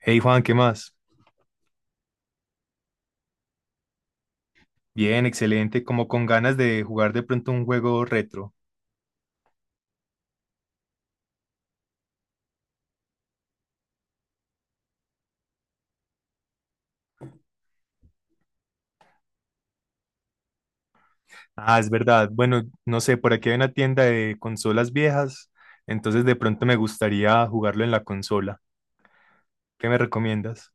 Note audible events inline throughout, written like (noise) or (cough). Hey Juan, ¿qué más? Bien, excelente, como con ganas de jugar de pronto un juego retro. Ah, es verdad. Bueno, no sé, por aquí hay una tienda de consolas viejas, entonces de pronto me gustaría jugarlo en la consola. ¿Qué me recomiendas?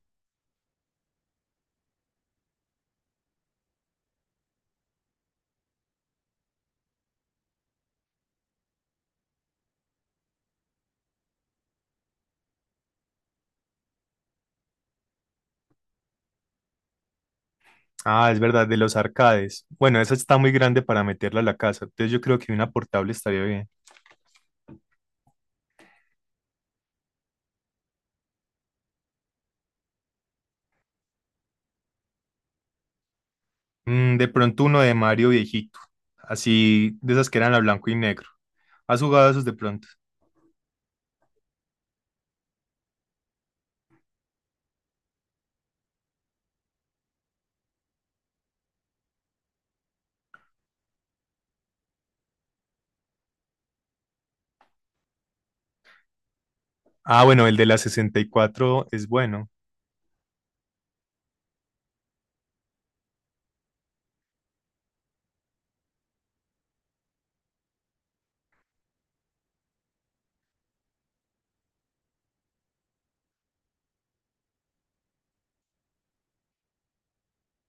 Ah, es verdad, de los arcades. Bueno, esa está muy grande para meterla a la casa, entonces yo creo que una portable estaría bien. Mm, de pronto uno de Mario viejito, así de esas que eran a blanco y negro. ¿Has jugado esos de pronto? Ah, bueno, el de la 64 es bueno.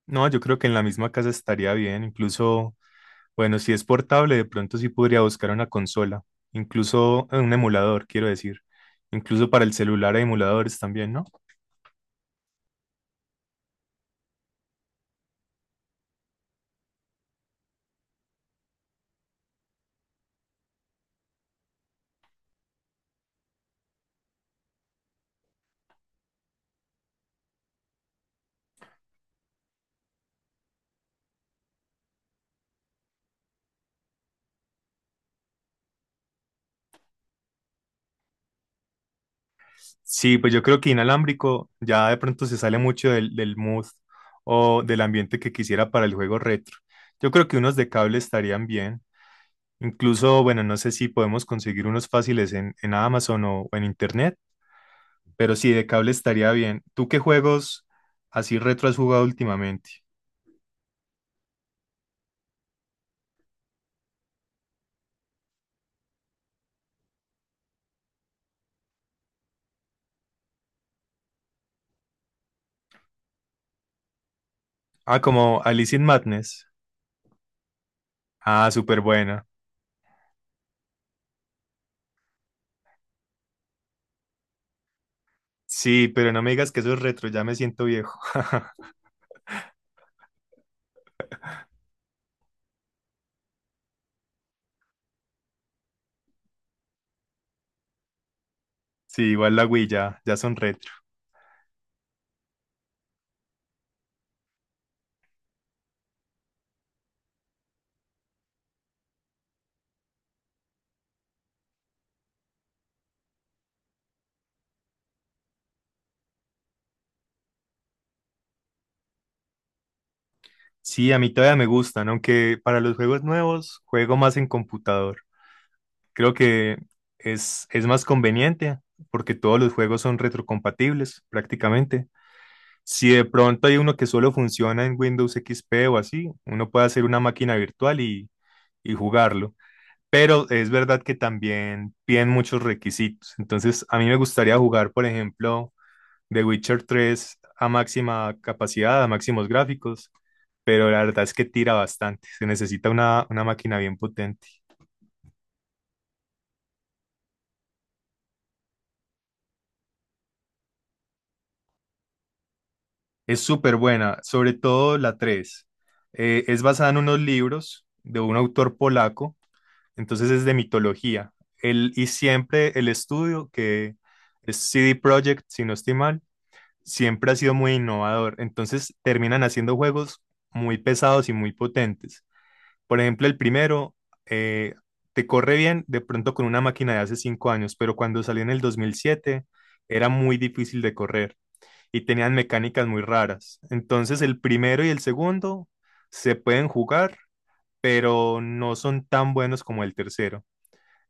No, yo creo que en la misma casa estaría bien. Incluso, bueno, si es portable, de pronto sí podría buscar una consola. Incluso un emulador, quiero decir. Incluso para el celular hay emuladores también, ¿no? Sí, pues yo creo que inalámbrico ya de pronto se sale mucho del mood o del ambiente que quisiera para el juego retro. Yo creo que unos de cable estarían bien. Incluso, bueno, no sé si podemos conseguir unos fáciles en Amazon o en Internet. Pero sí, de cable estaría bien. ¿Tú qué juegos así retro has jugado últimamente? Ah, como Alice in Madness. Ah, súper buena. Sí, pero no me digas que eso es retro, ya me siento viejo. (laughs) Sí, igual la Wii ya, ya son retro. Sí, a mí todavía me gustan, aunque para los juegos nuevos juego más en computador. Creo que es más conveniente porque todos los juegos son retrocompatibles prácticamente. Si de pronto hay uno que solo funciona en Windows XP o así, uno puede hacer una máquina virtual y jugarlo. Pero es verdad que también piden muchos requisitos. Entonces, a mí me gustaría jugar, por ejemplo, The Witcher tres a máxima capacidad, a máximos gráficos, pero la verdad es que tira bastante. Se necesita una máquina bien potente. Es súper buena, sobre todo la 3. Es basada en unos libros de un autor polaco, entonces es de mitología. El, y siempre el estudio, que es CD Projekt, si no estoy mal, siempre ha sido muy innovador. Entonces terminan haciendo juegos muy pesados y muy potentes. Por ejemplo, el primero eh, te corre bien de pronto con una máquina de hace 5 años, pero cuando salió en el 2007 era muy difícil de correr y tenían mecánicas muy raras. Entonces el primero y el segundo se pueden jugar, pero no son tan buenos como el tercero.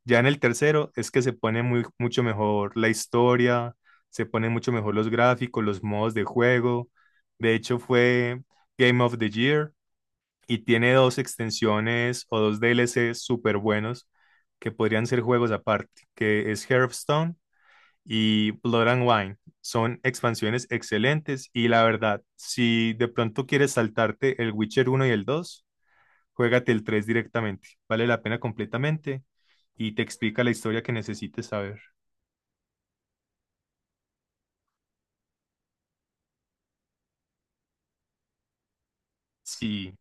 Ya en el tercero es que se pone muy, mucho mejor la historia, se ponen mucho mejor los gráficos, los modos de juego. De hecho fue Game of the Year y tiene dos extensiones o dos DLC súper buenos que podrían ser juegos aparte, que es Hearthstone y Blood and Wine. Son expansiones excelentes y la verdad, si de pronto quieres saltarte el Witcher uno y el 2, juégate el tres directamente. Vale la pena completamente y te explica la historia que necesites saber. Sí,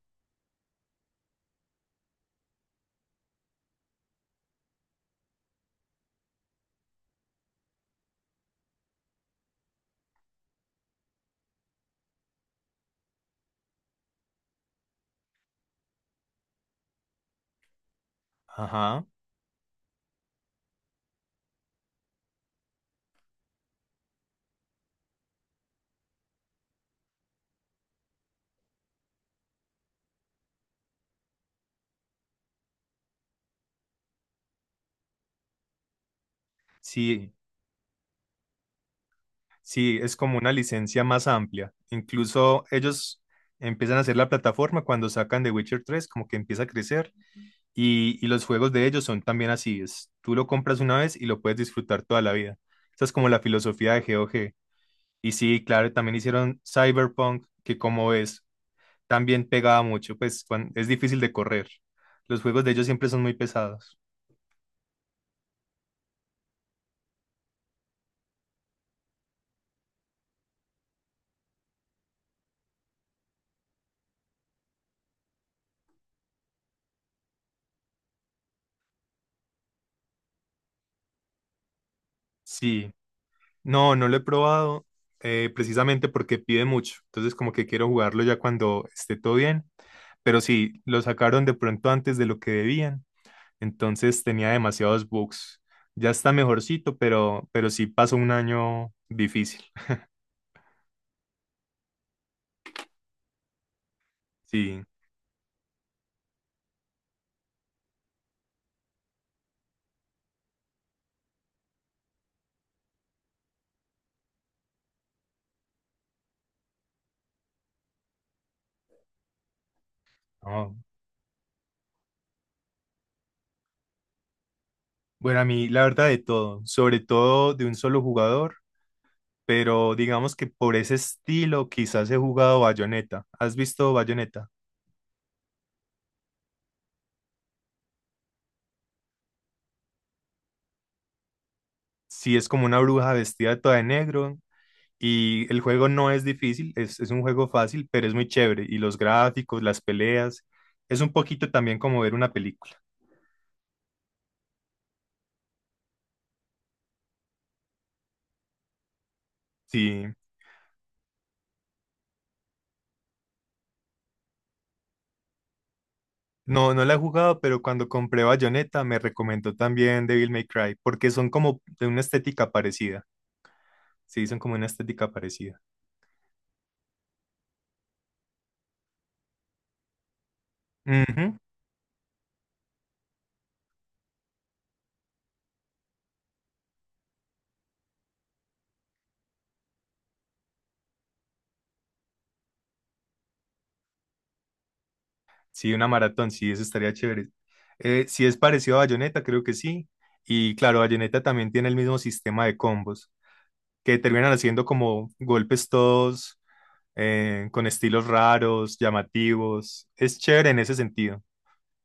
ajá, sí, sí, es como una licencia más amplia. Incluso ellos empiezan a hacer la plataforma cuando sacan The Witcher tres como que empieza a crecer. Y los juegos de ellos son también así, es, tú lo compras una vez y lo puedes disfrutar toda la vida. Esa es como la filosofía de GOG. Y sí, claro, también hicieron Cyberpunk, que como ves, también pegaba mucho, pues es difícil de correr. Los juegos de ellos siempre son muy pesados. Sí, no, no lo he probado precisamente porque pide mucho. Entonces como que quiero jugarlo ya cuando esté todo bien. Pero sí, lo sacaron de pronto antes de lo que debían. Entonces tenía demasiados bugs. Ya está mejorcito, pero sí pasó un año difícil. Sí. No. Bueno, a mí la verdad de todo, sobre todo de un solo jugador, pero digamos que por ese estilo quizás he jugado Bayonetta. ¿Has visto Bayonetta? Sí, es como una bruja vestida toda de negro y el juego no es difícil, es un juego fácil, pero es muy chévere. Y los gráficos, las peleas, es un poquito también como ver una película. Sí, no, no la he jugado, pero cuando compré Bayonetta me recomendó también Devil May Cry, porque son como de una estética parecida. Sí, son como una estética parecida. Ujú. Sí, una maratón, sí, eso estaría chévere. Si es parecido a Bayonetta, creo que sí. Y claro, Bayonetta también tiene el mismo sistema de combos, que terminan haciendo como golpes todos con estilos raros, llamativos. Es chévere en ese sentido.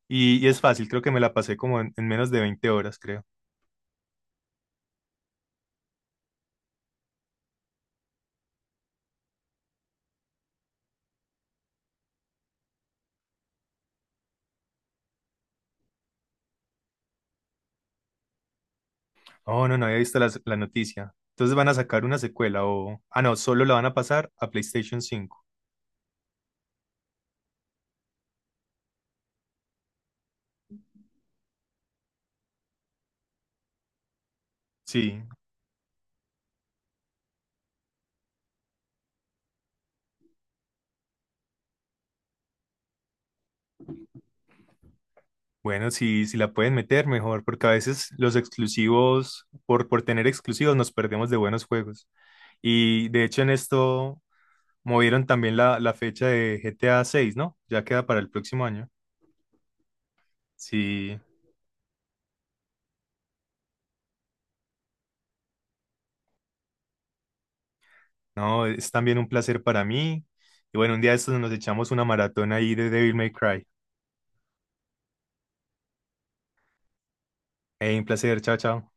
Y es fácil, creo que me la pasé como en menos de 20 horas, creo. Oh, no, no había visto la noticia. Entonces van a sacar una secuela o... Ah, no, solo la van a pasar a PlayStation cinco. Sí, bueno, si si la pueden meter mejor, porque a veces los exclusivos, por tener exclusivos, nos perdemos de buenos juegos. Y de hecho en esto movieron también la fecha de GTA seis, ¿no? Ya queda para el próximo año. Sí, no, es también un placer para mí. Y bueno, un día de estos nos echamos una maratón ahí de Devil May Cry. Hey, un placer, chao, chao.